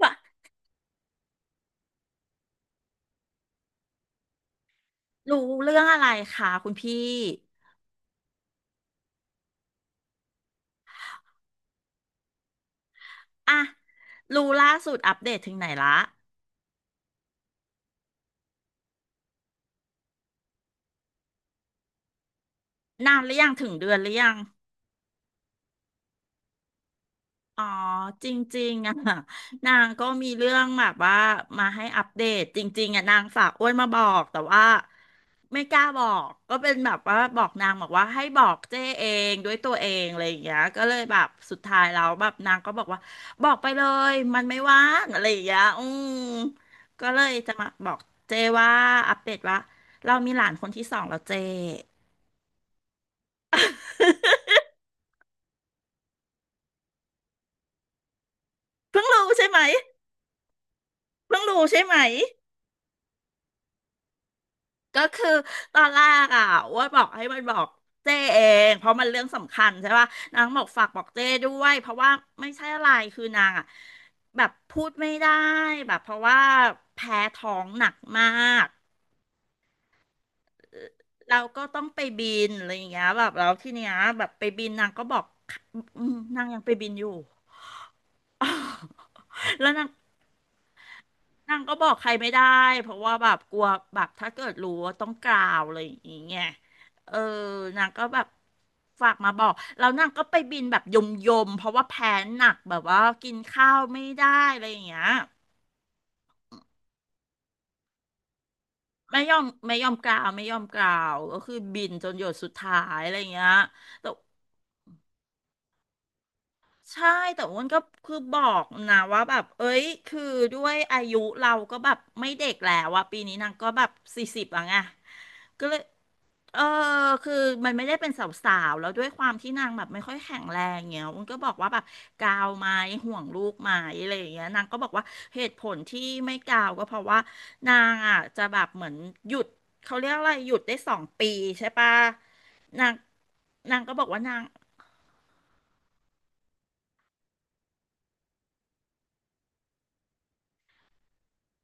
ว่ารู้เรื่องอะไรคะคุณพี่อ่ะรู้ล่าสุดอัปเดตถึงไหนละนานหรือยังถึงเดือนหรือยัง อ๋อจริงๆอ่ะ นางก็มีเรื่องแบบว่ามาให้อัปเดตจริงๆอ่ะนางฝากอ้วนมาบอกแต่ว่าไม่กล้าบอกก็เป็นแบบว่าบอกนางบอกว่าให้บอกเจ้เองด้วยตัวเองอะไรอย่างเงี้ยก็เลยแบบสุดท้ายแล้วแบบนางก็บอกว่าบอกไปเลยมันไม่ว่างอะไรอย่างเงี้ยอืมก็เลยจะมาบอกเจ้ว่าอัปเดตว่าเรามีหลานคนที่สองแล้วเจ้เพิ่งรู้ใช่ไหมเพิ่งรู้ใช่ไหม ก็คือตอนแรกอ่ะอ้ว่าบอกให้มันบอกเจ้เองเพราะมันเรื่องสำคัญใช่ป่ะนางบอกฝากบอกเจ้ด้วยเพราะว่าไม่ใช่อะไรคือนางอ่ะแบบพูดไม่ได้แบบเพราะว่าแพ้ท้องหนักมากเราก็ต้องไปบินอะไรอย่างเงี้ยแบบแล้วที่เนี้ยแบบไปบินนางก็บอกอืมนางยังไปบินอยู่แล้วนาง นางก็บอกใครไม่ได้เพราะว่าแบบกลัวแบบถ้าเกิดรู้ว่าต้องกล่าวอะไรอย่างเงี้ยเออนางก็แบบฝากมาบอกแล้วนางก็ไปบินแบบยมยมเพราะว่าแพ้หนักแบบว่ากินข้าวไม่ได้อะไรอย่างเงี้ยไม่ยอมไม่ยอมกล่าวไม่ยอมกล่าวก็คือบินจนหยดสุดท้ายอะไรอย่างเงี้ยแต่ใช่แต่อ้วนก็คือบอกนะว่าแบบเอ้ยคือด้วยอายุเราก็แบบไม่เด็กแล้วอะปีนี้นางก็แบบ40แล้วไงก็เลย เออคือมันไม่ได้เป็นสาวๆ แล้วด้วยความที่นางแบบไม่ค่อยแข็งแรงเงี้ยมันก็บอกว่าแบบกาวไหมห่วงลูกไหมอะไรอย่างเงี้ยนางก็บอกว่าเหตุผลที่ไม่กาวก็เพราะว่านางอ่ะจะแบบเหมือนหยุดเขาเรียกอะไรหยุดได้2 ปีใช่ปะนางนางก็บอกว่านาง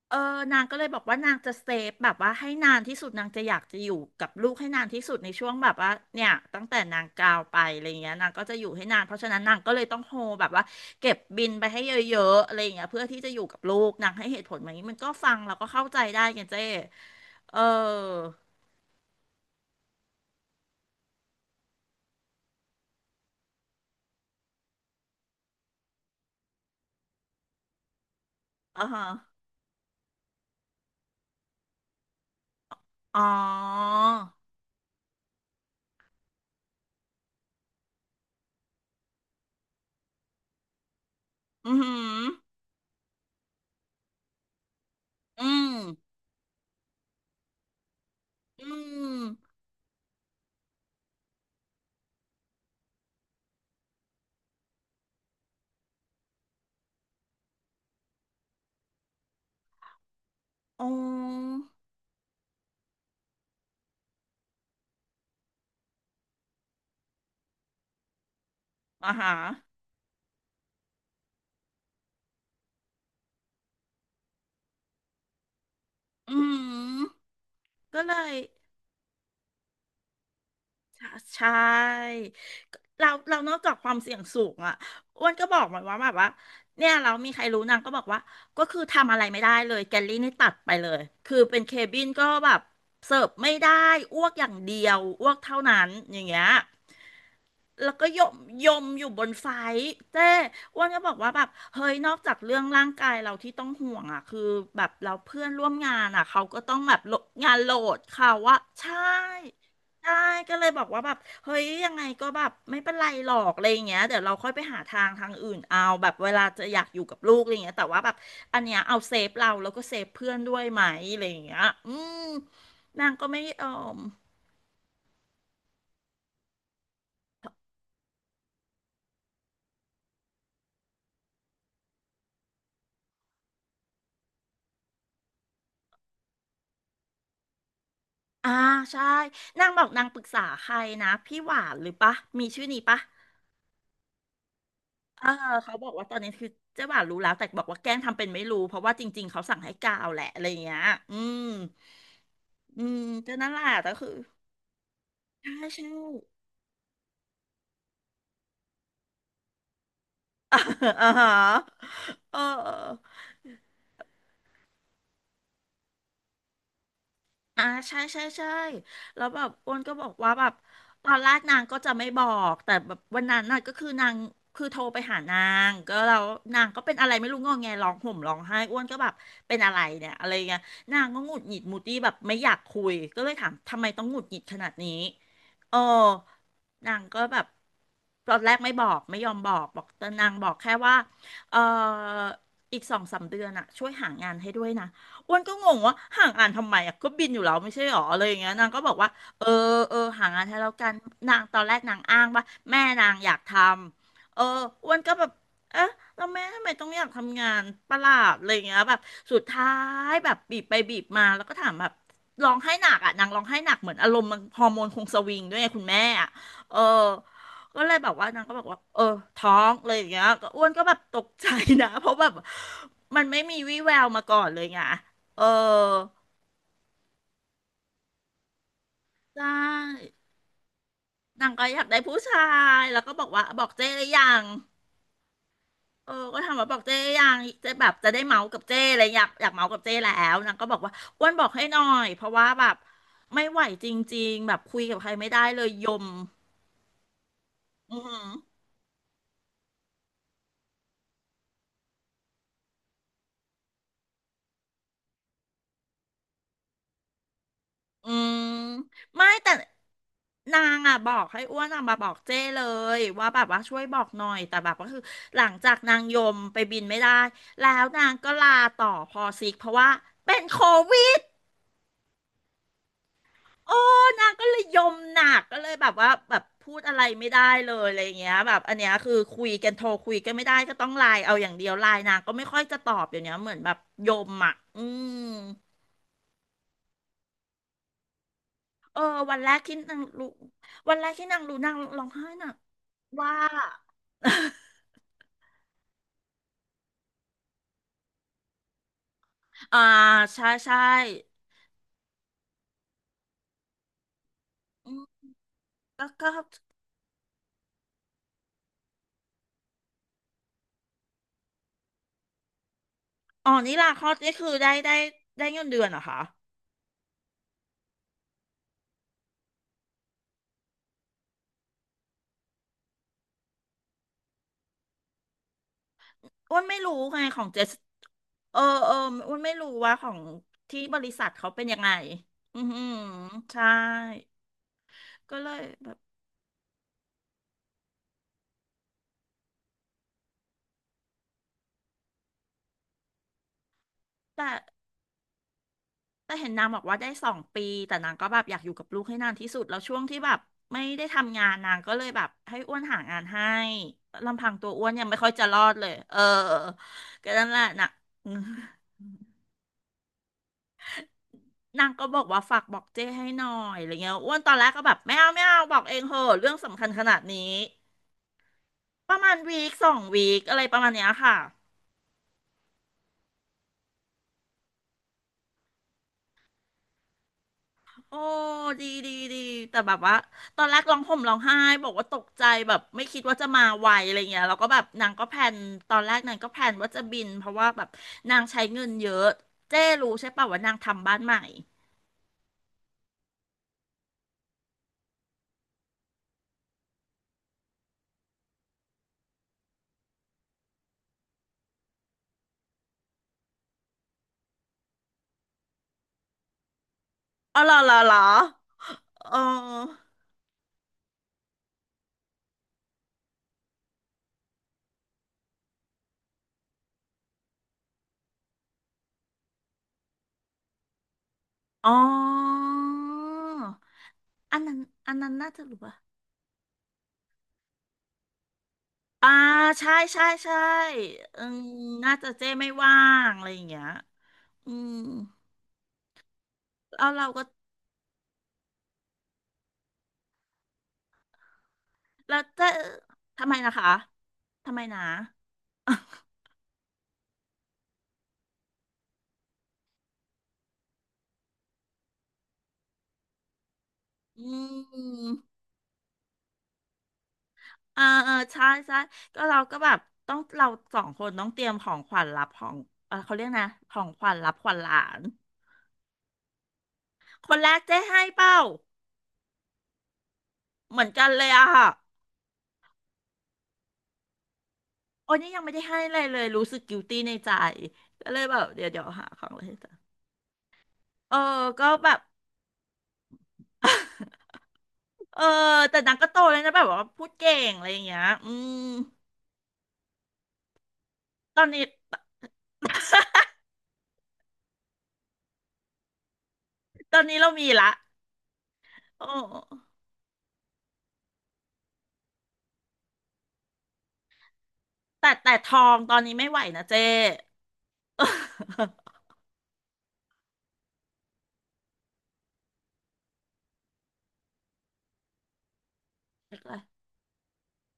เออนางก็เลยบอกว่านางจะเซฟแบบว่าให้นานที่สุดนางจะอยากจะอยู่กับลูกให้นานที่สุดในช่วงแบบว่าเนี่ยตั้งแต่นางกาวไปอะไรเงี้ยนางก็จะอยู่ให้นานเพราะฉะนั้นนางก็เลยต้องโฮแบบว่าเก็บบินไปให้เยอะๆอะไรเงี้ยเพื่อที่จะอยู่กับลูกนางให้เหตุผลแบบนี้มันก็ฟังแล้วก็เข้าใจได้ไงเจ้เอออ่าฮะอ๋ออือหืออืมอืมอ๋ออ่าฮะอืมก็เลย ใช่ใช่เรานอกจากความเสี่ยงสูงอ่ะอ้วนก็บอกมันว่าแบบว่าเนี่ยเรามีใครรู้นางก็บอกว่าก็คือทำอะไรไม่ได้เลยแกลลี่นี่ตัดไปเลยคือเป็นเคบินก็แบบเสิร์ฟไม่ได้อ้วกอย่างเดียวอ้วกเท่านั้นอย่างเงี้ย แล้วก็ยมยมอยู่บนไฟท์เจ้อ้วนก็บอกว่าแบบ เฮ้ยนอกจากเรื่องร่างกายเราที่ต้องห่วงอ่ะ คือแบบเราเพื่อนร่วมงานอ่ะ เขาก็ต้องแบบโหลดงานโหลดเขาว่าใช่ใช่ก็เลยบอกว่าแบบเฮ้ยยังไงก็แบบไม่เป็นไรหรอกอะไรอย่างเงี้ยเดี๋ยวเราค่อยไปหาทางอื่นเอาแบบเวลาจะอยากอยู่กับลูกอะไรอย่างเงี้ยแต่ว่าแบบอันเนี้ยเอาเซฟเราแล้วก็เซฟเพื่อนด้วยไหมอะไรอย่างเงี้ยอืมนางก็ไม่ยอม อ่าใช่นางบอกนางปรึกษาใครนะพี่หวานหรือปะมีชื่อนี้ปะเออเขาบอกว่าตอนนี้คือเจ๊หวานรู้แล้วแต่บอกว่าแกล้งทำเป็นไม่รู้เพราะว่าจริงๆเขาสั่งให้กาวแหละอะไรอย่างเงี้ยอืมอืมก็นั่นแหละแต่คือใช่ใช่ อ่าฮะเออ อ่าใช่ใช่ใช่แล้วแบบอ้วนก็บอกว่าแบบตอนแรกนางก็จะไม่บอกแต่แบบวันนั้นน่ะก็คือนางคือโทรไปหานางก็แล้วนางก็เป็นอะไรไม่รู้งอแงร้องห่มร้องไห้อ้วนก็แบบเป็นอะไรเนี่ยอะไรเงี้ยนางก็หงุดหงิดมูตี้แบบไม่อยากคุยก็เลยถามทำไมต้องหงุดหงิดขนาดนี้เออนางก็แบบตอนแรกไม่บอกไม่ยอมบอกบอกแต่นางบอกแค่ว่าเอออีกสองสามเดือนอะช่วยหางานให้ด้วยนะ อ้วนก็งงว่าห่างอ่านทำไมอ่ะก็บินอยู่แล้วไม่ใช่หรออะไรอย่างเงี้ยนางก็บอกว่าเออเออห่างอ่านให้แล้วกันนางตอนแรกนางอ้างว่าแม่นางอยากทำอ้วนก็แบบเอ๊ะแล้วแม่ทำไมต้องอยากทำงานประหลาดอะไรอย่างเงี้ยแบบสุดท้ายแบบบีบไปบีบมาแล้วก็ถามแบบร้องไห้หนักอ่ะนางร้องไห้หนักเหมือนอารมณ์มันฮอร์โมนคงสวิงด้วยไงคุณแม่อ่ะเออก็เลยแบบว่านางก็บอกว่าเออท้องเลยอย่างเงี้ยก็อ้วนก็แบบตกใจนะ เพราะแบบมันไม่มีวี่แววมาก่อนเลยไง เออได้นางก็อยากได้ผู้ชายแล้วก็บอกว่าบอกเจ้หรือยังเออก็ถามว่าบอกเจ้หรือยังเจ้แบบจะได้เมาส์กับเจ้เลยอยากเมาส์กับเจ้แล้วนางก็บอกว่าอ้วนบอกให้หน่อยเพราะว่าแบบไม่ไหวจริงๆแบบคุยกับใครไม่ได้เลยยมอือหืออืมไม่แต่นางอ่ะบอกให้อ้วนอ่ะมาบอกเจ้เลยว่าแบบว่าช่วยบอกหน่อยแต่แบบก็คือหลังจากนางยมไปบินไม่ได้แล้วนางก็ลาต่อพอซิกเพราะว่าเป็นโควิ โอ้นางก็เลยยมหนักก็เลยแบบว่าแบบพูดอะไรไม่ได้เลยอะไรอย่างเงี้ยแบบอันเนี้ยคือคุยกันโทรคุยกันไม่ได้ก็ต้องไลน์เอาอย่างเดียวไลน์นางก็ไม่ค่อยจะตอบอย่างเนี้ยเหมือนแบบยมอ่ะอืมเออวันแรกที่นางรู้วันแรกที่นางรู้นางร้องไห้น่ะว่า อ่าใช่ใช่อืมก็ก็อ๋อนี่ลาคลอดนี่คือได้ได้ได้เงินเดือนเหรอคะอ้วนไม่รู้ไงของเจส เอออ้วนไม่รู้ว่าของที่บริษัทเขาเป็นยังไงอือหือใช่ก็เลยแบบแต่แต่เห็นนางบอกว่าได้สองปีแต่นางก็แบบอยากอยู่กับลูกให้นานที่สุดแล้วช่วงที่แบบไม่ได้ทำงานนางก็เลยแบบให้อ้วนหางานให้ลำพังตัวอ้วนยังไม่ค่อยจะรอดเลยเออก็นั่นแหละนะอืมนางก็บอกว่าฝากบอกเจ้ให้หน่อยอะไรเงี้ยอ้วนตอนแรกก็แบบไม่เอาไม่เอาบอกเองเหอะเรื่องสำคัญขนาดนี้ประมาณวีคสองวีคอะไรประมาณเนี้ยค่ะ โอ้ดีดีดีแต่แบบว่าตอนแรกร้องห่มร้องไห้บอกว่าตกใจแบบไม่คิดว่าจะมาไวอะไรเงี้ยแล้วก็แบบนางก็แพลนตอนแรกนางก็แพลนว่าจะบินเพราะว่าแบบนางใช้เงินเยอะเจ้รู้ใช่ป่ะว่านางทำบ้านใหม่อ๋อเหรอเหรอเหรอเอออ๋ออันนั้นอันนั้นน่าจะรู้ป่ะอ่าใช่ใช่ใช่อืมน่าจะเจ้ไม่ว่างอะไรอย่างเงี้ยอืมแล้วเราก็ แล้วจะทำไมนะคะ ทำไมนะ อืมเออเออใช่ใช่ก็เราก็แบบต้องเราสองคนต้องเตรียมของขวัญรับของเออเขาเรียกนะของขวัญรับขวัญหลานคนแรกเจ๊ให้เป้าเหมือนกันเลยอะค่ะโอ้ยนี่ยังไม่ได้ให้เลยเลยรู้สึกกิวตี้ในใจก็เลยแบบเดี๋ยวหาของอะไรใหจ้ะเออก็แบบ เออแต่นางก็โตเลยนะแบบว่าพูดเก่งอะไรอย่างเงี้ยอืมตอนนี้ตอนนี้เรามีละโอ้ แต่แต่ทองตอนนี้ไม่ไหวนะเจ้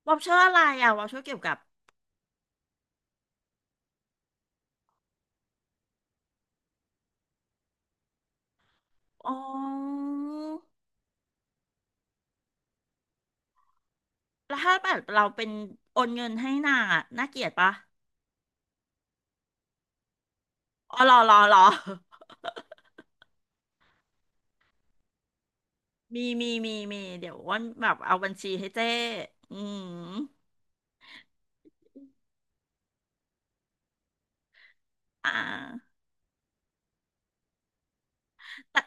วอลเชอร์อะไรอ่ะวอลเชอร์เกี่ยวกับอ๋อแล้วถ้าแบบเราเป็นโอนเงินให้นางอ่ะน่าเกลียดปะอ๋อ รอรอ มี เดี๋ยวอ้วันแบบเอาบัญชีให้เจ้อืมอ่าแต่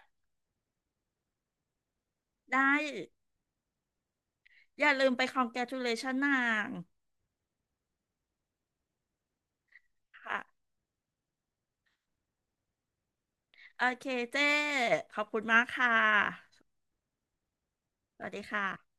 ได้ อย่าลืมไปคอ n แก a ุเลชชั่นนาง ค่ะโอเคเจ้ขอบคุณมากค่ะ สวัสดีค่ะ